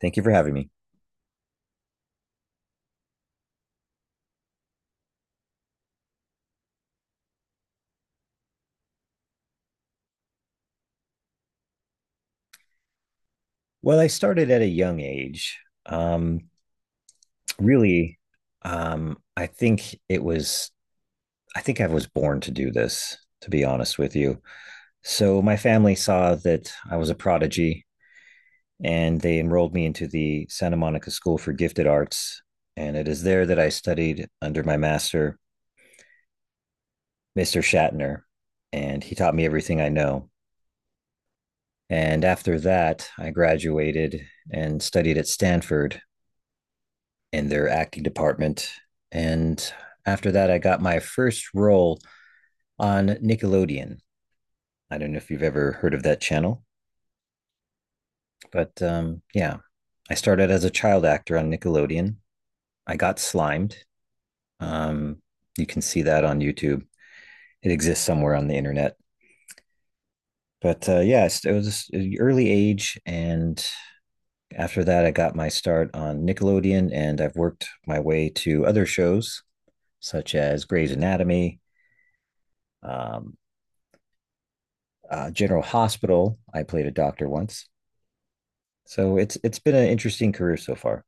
Thank you for having me. Well, I started at a young age. Um, really, I think it was, I think I was born to do this, to be honest with you. So my family saw that I was a prodigy and they enrolled me into the Santa Monica School for Gifted Arts. And it is there that I studied under my master, Mr. Shatner, and he taught me everything I know. And after that, I graduated and studied at Stanford in their acting department. And after that, I got my first role on Nickelodeon. I don't know if you've ever heard of that channel, but yeah, I started as a child actor on Nickelodeon. I got slimed. Um, you can see that on YouTube. It exists somewhere on the internet. But yeah, it was an early age, and after that, I got my start on Nickelodeon, and I've worked my way to other shows such as Grey's Anatomy, um, General Hospital. I played a doctor once, so it's been an interesting career so far.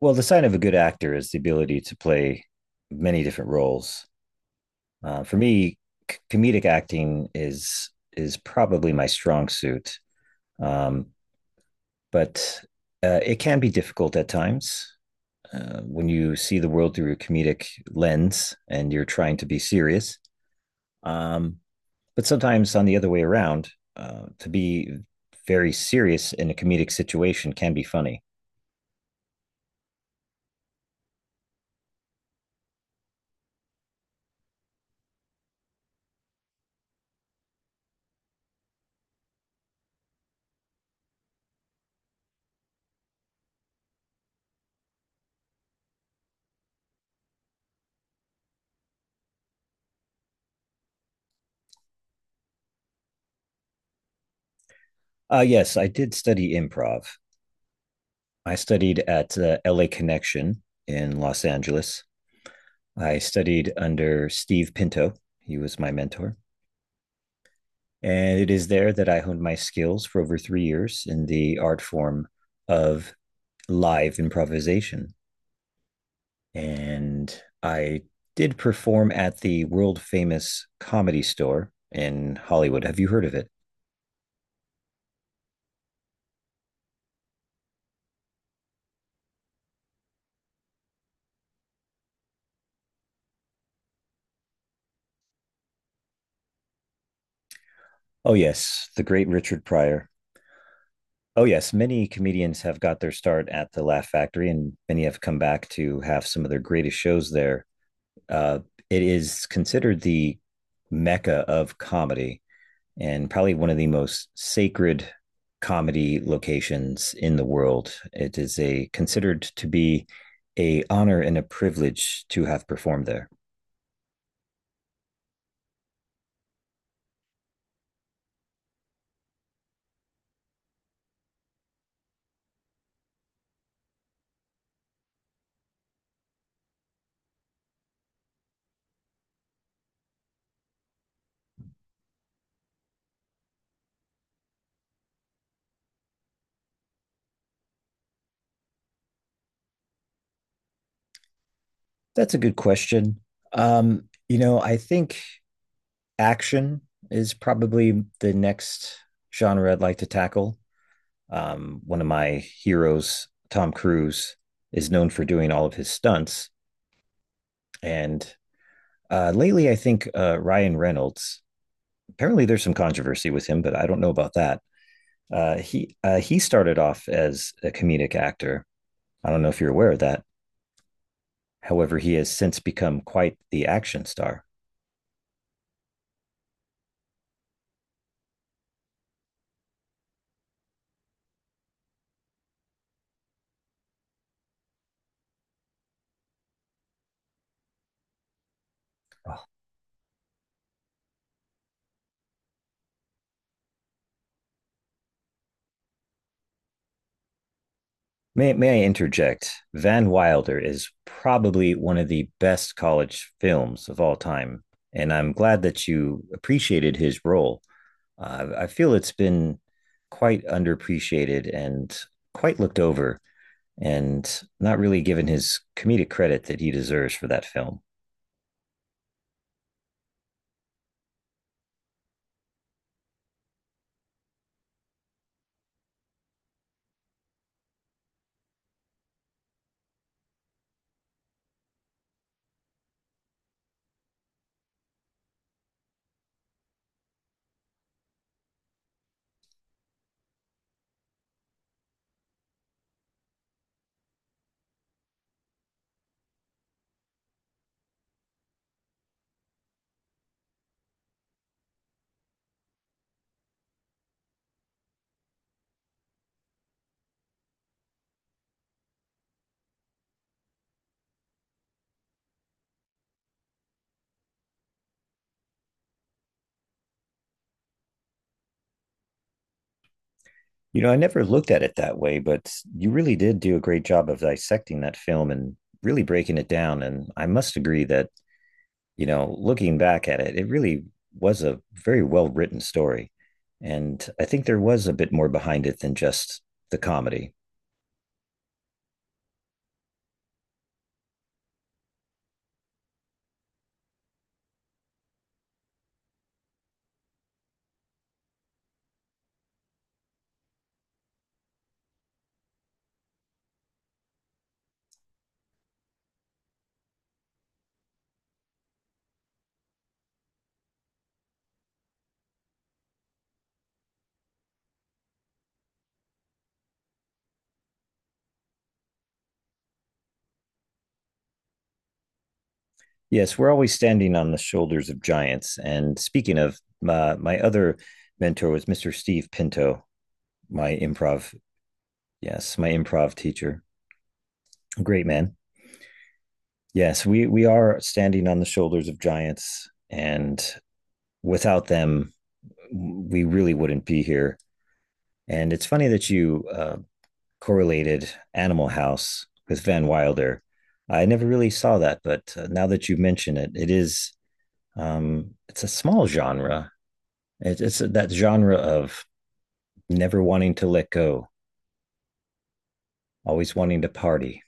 Well, the sign of a good actor is the ability to play many different roles. For me, comedic acting is probably my strong suit, um, but it can be difficult at times when you see the world through a comedic lens and you're trying to be serious. Um, but sometimes on the other way around, to be very serious in a comedic situation can be funny. Yes, I did study improv. I studied at LA Connection in Los Angeles. I studied under Steve Pinto, he was my mentor. And it is there that I honed my skills for over 3 years in the art form of live improvisation. And I did perform at the world famous comedy store in Hollywood. Have you heard of it? Oh, yes, the great Richard Pryor. Oh, yes, many comedians have got their start at the Laugh Factory, and many have come back to have some of their greatest shows there. Uh, it is considered the mecca of comedy, and probably one of the most sacred comedy locations in the world. It is a considered to be a honor and a privilege to have performed there. That's a good question. Um, you know, I think action is probably the next genre I'd like to tackle. One of my heroes, Tom Cruise, is known for doing all of his stunts. And lately, I think Ryan Reynolds apparently, there's some controversy with him, but I don't know about that. He he started off as a comedic actor. I don't know if you're aware of that. However, he has since become quite the action star. May I interject? Van Wilder is probably one of the best college films of all time. And I'm glad that you appreciated his role. I feel it's been quite underappreciated and quite looked over, and not really given his comedic credit that he deserves for that film. You know, I never looked at it that way, but you really did do a great job of dissecting that film and really breaking it down. And I must agree that, you know, looking back at it, it really was a very well written story. And I think there was a bit more behind it than just the comedy. Yes, we're always standing on the shoulders of giants. And speaking of, my other mentor was Mr. Steve Pinto, my improv. Yes, my improv teacher. Great man. Yes, we are standing on the shoulders of giants, and without them we really wouldn't be here. And it's funny that you correlated Animal House with Van Wilder. I never really saw that, but now that you mention it, it is it's a small genre. It's that genre of never wanting to let go, always wanting to party.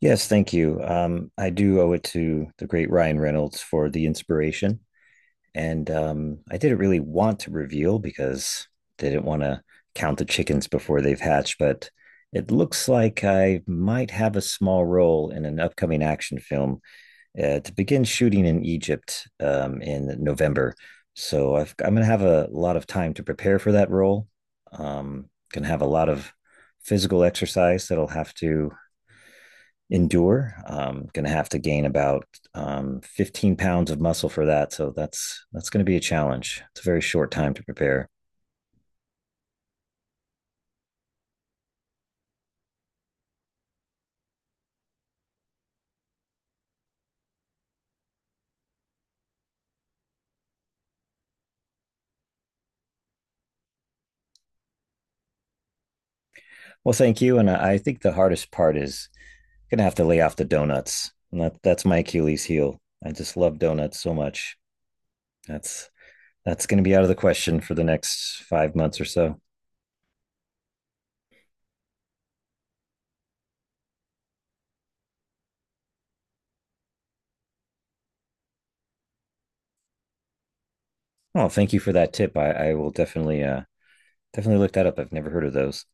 Yes, thank you. I do owe it to the great Ryan Reynolds for the inspiration. And I didn't really want to reveal because they didn't want to count the chickens before they've hatched, but it looks like I might have a small role in an upcoming action film to begin shooting in Egypt in November. I'm going to have a lot of time to prepare for that role. Going to have a lot of physical exercise that I'll have to endure. Going to have to gain about 15 lbs of muscle for that. So that's going to be a challenge. It's a very short time to prepare. Well, thank you. And I think the hardest part is going to have to lay off the donuts. And that's my Achilles heel. I just love donuts so much. That's that's going to be out of the question for the next 5 months or so. Oh, thank you for that tip. I will definitely definitely look that up. I've never heard of those.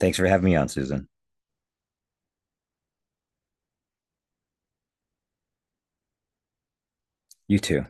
Thanks for having me on, Susan. You too.